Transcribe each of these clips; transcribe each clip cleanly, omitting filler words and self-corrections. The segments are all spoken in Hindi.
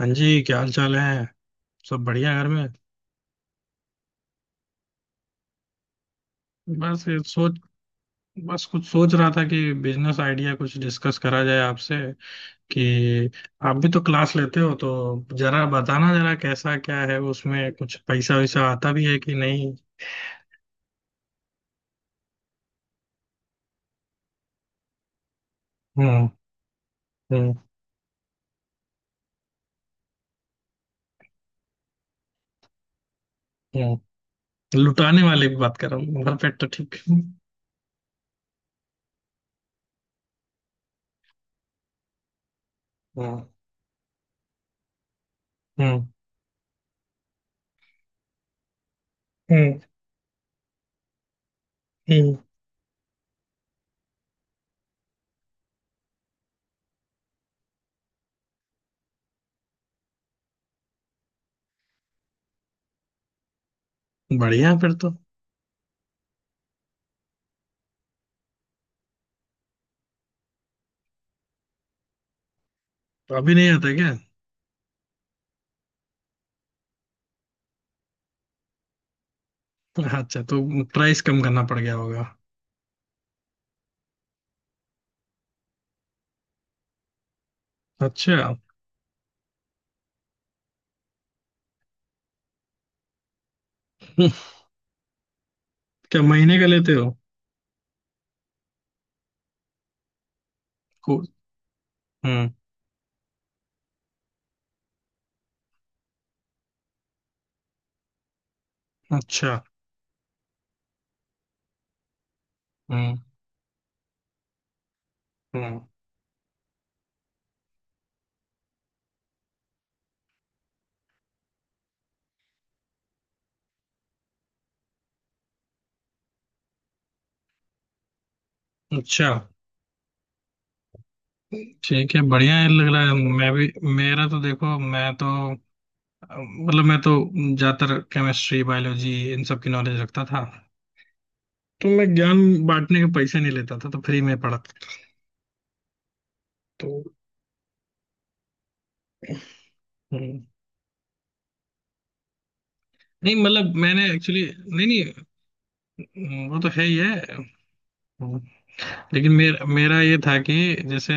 हाँ जी, क्या हाल चाल है? सब बढ़िया, घर में। बस ये सोच बस कुछ सोच रहा था कि बिजनेस आइडिया कुछ डिस्कस करा जाए आपसे। कि आप भी तो क्लास लेते हो, तो जरा बताना, जरा कैसा क्या है, उसमें कुछ पैसा वैसा आता भी है कि नहीं। हम्म, हम्म, हम्म। लुटाने वाले की बात कर रहा हूँ, घर पे तो ठीक। हम्म। हम्म, हम्म, हम्म। बढ़िया फिर तो। तो अभी नहीं आता क्या? अच्छा, तो प्राइस कम करना पड़ गया होगा। अच्छा। क्या महीने का लेते हो? हम्म। अच्छा। हम्म, हम्म। अच्छा। ठीक है, बढ़िया है, लग रहा है मैं भी। मेरा तो देखो, मैं तो मतलब मैं तो ज्यादातर केमिस्ट्री, बायोलॉजी, इन सब की नॉलेज रखता था। तो मैं ज्ञान बांटने के पैसे नहीं लेता था, तो फ्री में पढ़ा था। तो। हम्म। नहीं मतलब मैंने एक्चुअली। नहीं नहीं। वो तो है ही है। हम्म। लेकिन मेरा मेरा ये था कि जैसे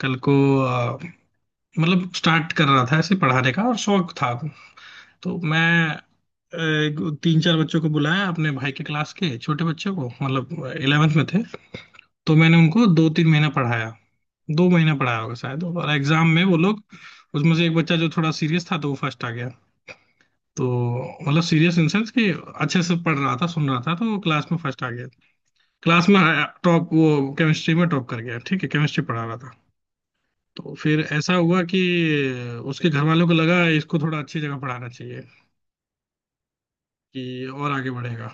कल को, अ, मतलब स्टार्ट कर रहा था ऐसे पढ़ाने का और शौक था। तो मैं, अ, तीन चार बच्चों को बुलाया, अपने भाई के क्लास के छोटे बच्चों को, मतलब 11th में थे। तो मैंने उनको दो तीन महीना पढ़ाया, दो महीना पढ़ाया होगा शायद, और एग्जाम में वो लोग, उसमें से एक बच्चा जो थोड़ा सीरियस था तो वो फर्स्ट आ गया। तो मतलब सीरियस इन सेंस कि अच्छे से पढ़ रहा था, सुन रहा था, तो वो क्लास में फर्स्ट आ गया। क्लास में टॉप, वो केमिस्ट्री में टॉप कर गया। ठीक है, केमिस्ट्री पढ़ा रहा था। तो फिर ऐसा हुआ कि उसके घर वालों को लगा इसको थोड़ा अच्छी जगह पढ़ाना चाहिए कि और आगे बढ़ेगा।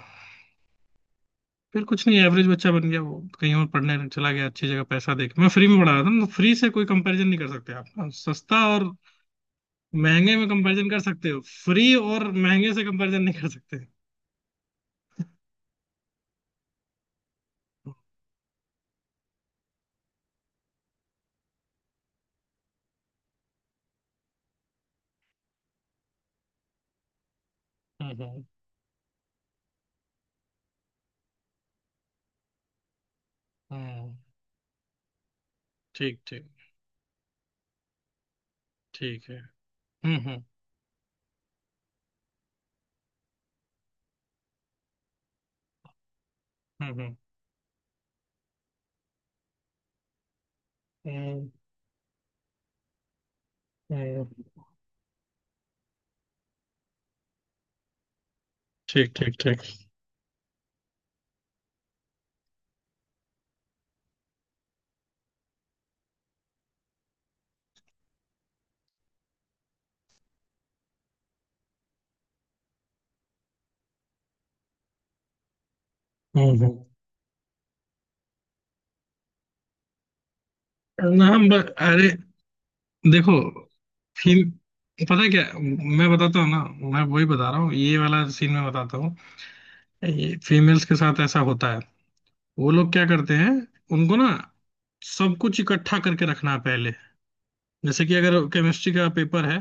फिर कुछ नहीं, एवरेज बच्चा बन गया, वो कहीं और पढ़ने चला गया अच्छी जगह, पैसा देख। मैं फ्री में पढ़ा रहा था ना, तो फ्री से कोई कंपैरिजन नहीं कर सकते आप। हाँ, सस्ता और महंगे में कंपैरिजन कर सकते हो। फ्री और महंगे से कंपैरिजन नहीं कर सकते। हम्म, हम्म, ठीक ठीक, ठीक है। हम्म, हम्म, हम्म, हम्म, हम्म, ठीक ठीक ठीक। हम्म, ना, हम, अरे देखो, फील, पता है क्या, मैं बताता हूँ ना। मैं वही बता रहा हूँ, ये वाला सीन मैं बताता हूँ। ये फीमेल्स के साथ ऐसा होता है। वो लोग क्या करते हैं, उनको ना, सब कुछ इकट्ठा करके रखना है पहले। जैसे कि अगर केमिस्ट्री का पेपर है,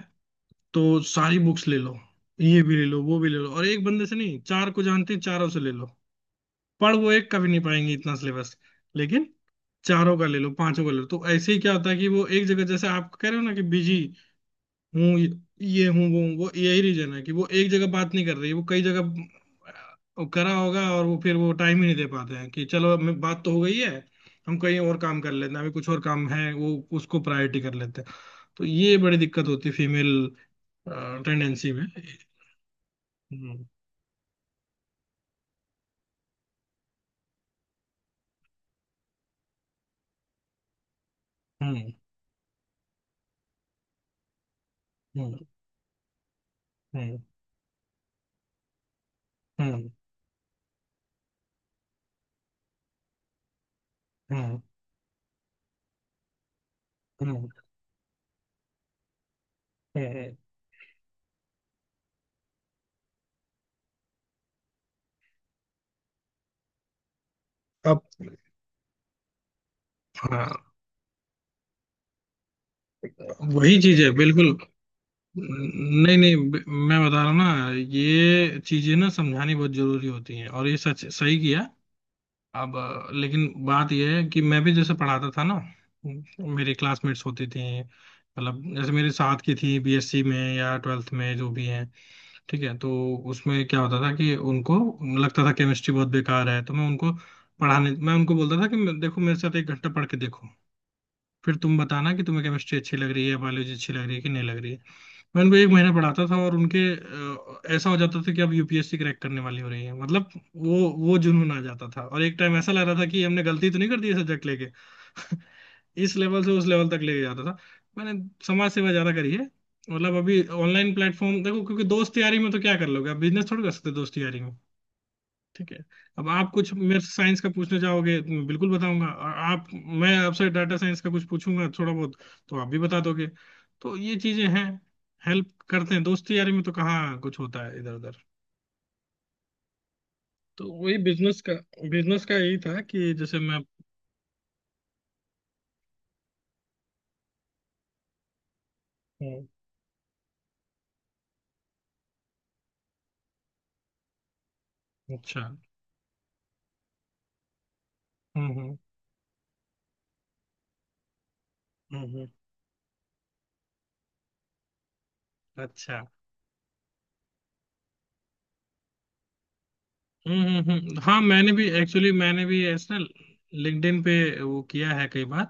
तो सारी बुक्स ले लो, ये भी ले लो, वो भी ले लो, और एक बंदे से नहीं, चार को जानते हैं चारों से ले लो। पढ़, वो एक कभी नहीं पाएंगे इतना सिलेबस। लेकिन चारों का ले लो, पांचों का ले लो। तो ऐसे ही क्या होता है कि वो एक जगह, जैसे आप कह रहे हो ना कि बिजी हूँ, ये हूँ, वो हूँ, वो यही रीजन है कि वो एक जगह बात नहीं कर रही, वो कई जगह करा होगा। और वो फिर वो टाइम ही नहीं दे पाते हैं कि चलो अब बात तो हो गई है, हम कहीं और काम कर लेते हैं, अभी कुछ और काम है, वो उसको प्रायोरिटी कर लेते हैं। तो ये बड़ी दिक्कत होती है फीमेल टेंडेंसी में। हम्म, हम्म, हम्म, हम्म, हम्म, हम्म, हम्म, हम्म। अब, हाँ, वही चीज है बिल्कुल। नहीं नहीं, मैं बता रहा हूँ ना, ये चीजें ना समझानी बहुत जरूरी होती हैं, और ये सच, सही किया। अब, लेकिन बात ये है कि मैं भी जैसे पढ़ाता था ना, मेरी क्लासमेट्स होती थी, मतलब जैसे मेरे साथ की थी, बीएससी में या ट्वेल्थ में, जो भी हैं। ठीक है, तो उसमें क्या होता था कि उनको लगता था केमिस्ट्री बहुत बेकार है, तो मैं उनको बोलता था कि देखो मेरे साथ एक घंटा पढ़ के देखो, फिर तुम बताना कि तुम्हें केमिस्ट्री अच्छी लग रही है, बायोलॉजी अच्छी लग रही है, कि नहीं लग रही है। मैं उनको एक महीना पढ़ाता था, और उनके ऐसा हो जाता था कि अब यूपीएससी क्रैक करने वाली हो रही है, मतलब। वो जुनून आ जाता था, और एक टाइम ऐसा लग रहा था कि हमने गलती तो नहीं कर दी सब्जेक्ट लेके। इस लेवल से उस लेवल तक लेके जाता था। मैंने समाज सेवा ज्यादा करी है। मतलब अभी ऑनलाइन प्लेटफॉर्म देखो, क्योंकि दोस्त यारी में तो क्या कर लोगे, आप बिजनेस थोड़ी कर सकते हो दोस्त यारी में। ठीक है। अब आप कुछ मेरे से साइंस का पूछना चाहोगे तो मैं बिल्कुल बताऊंगा, और आप मैं आपसे डाटा साइंस का कुछ पूछूंगा थोड़ा बहुत, तो आप भी बता दोगे। तो ये चीजें हैं, हेल्प करते हैं। दोस्ती यारी में तो कहाँ कुछ होता है, इधर उधर। तो वही बिजनेस का यही था कि जैसे मैं। हम्म, अच्छा, हम्म, हम्म, हम्म, अच्छा, हम्म, हम्म, हाँ मैंने भी, एक्चुअली मैंने भी ऐसे ना लिंक्डइन पे वो किया है कई बार।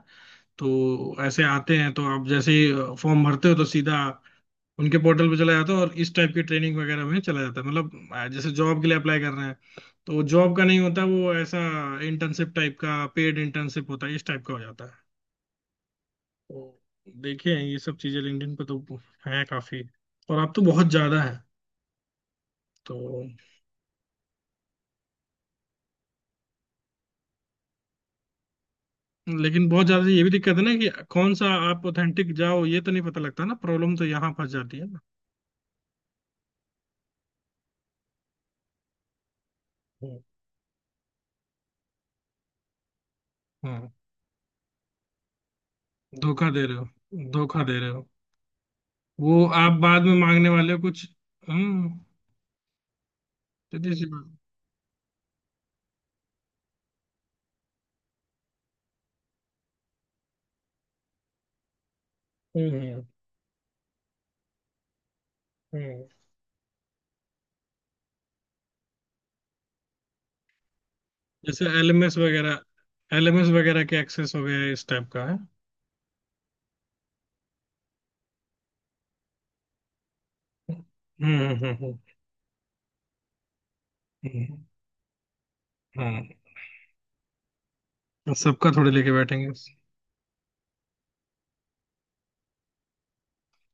तो ऐसे आते हैं, तो आप जैसे फॉर्म भरते हो तो सीधा उनके पोर्टल पे चला जाता है, और इस टाइप की ट्रेनिंग वगैरह में चला जाता है, मतलब जैसे जॉब के लिए अप्लाई कर रहे हैं। तो जॉब का नहीं होता वो ऐसा, इंटर्नशिप टाइप का, पेड इंटर्नशिप होता है इस टाइप का हो जाता है। तो देखिए, ये सब चीजें लिंक्डइन पे तो है काफी, और आप तो बहुत ज्यादा है तो। लेकिन बहुत ज्यादा ये भी दिक्कत है ना कि कौन सा आप ऑथेंटिक जाओ, ये तो नहीं पता लगता ना, प्रॉब्लम तो यहाँ फंस जाती है ना। हम्म, हम्म, धोखा दे रहे हो, धोखा दे रहे हो, वो आप बाद में मांगने वाले हो कुछ। हम्म, सीधी सी बात। हम्म, हम्म, जैसे एलएमएस वगैरह, एलएमएस वगैरह के एक्सेस हो गए, इस टाइप का है। हम्म, हम्म, हम्म, हाँ, सबका थोड़े लेके बैठेंगे।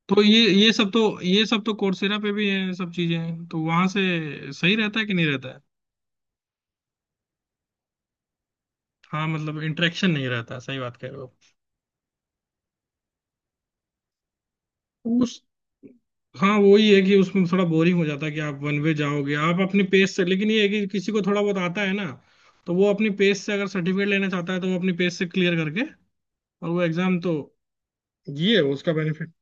तो ये सब तो कोर्सेरा पे भी है, ये सब चीजें हैं, तो वहां से सही रहता है कि नहीं रहता है? हाँ मतलब इंटरेक्शन नहीं रहता, सही बात कह रहे हो उस। हाँ, वही है कि उसमें थोड़ा बोरिंग हो जाता है कि आप वन वे जाओगे, आप अपने पेस से, लेकिन ये है कि किसी को थोड़ा बहुत आता है ना, तो वो अपनी पेस से अगर सर्टिफिकेट लेना चाहता है तो वो अपनी पेस से क्लियर करके, और वो एग्जाम तो, ये है उसका बेनिफिट।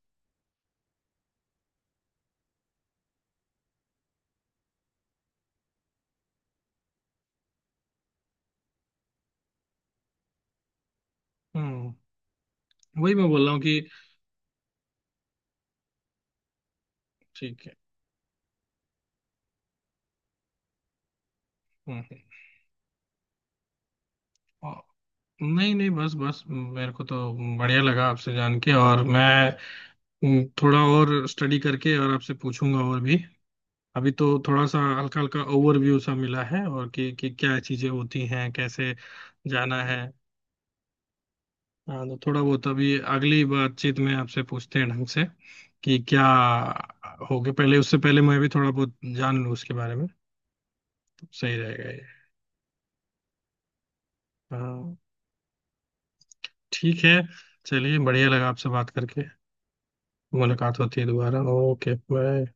हम्म, वही मैं बोल रहा हूँ कि, ठीक है। हम्म, हम्म। और- नहीं नहीं, बस बस मेरे को तो बढ़िया लगा आपसे जान के, और मैं, थोड़ा और स्टडी करके और आपसे पूछूंगा और भी। अभी तो थोड़ा सा हल्का हल्का ओवरव्यू सा मिला है, और कि क्या चीजें होती हैं, कैसे जाना है। हाँ, तो थोड़ा बहुत अभी अगली बातचीत में आपसे पूछते हैं ढंग से कि क्या हो गया, पहले उससे पहले मैं भी थोड़ा बहुत जान लूँ उसके बारे में, तो सही रहेगा ये। हाँ, ठीक है, चलिए, बढ़िया लगा आपसे बात करके, मुलाकात होती है दोबारा। Okay, bye.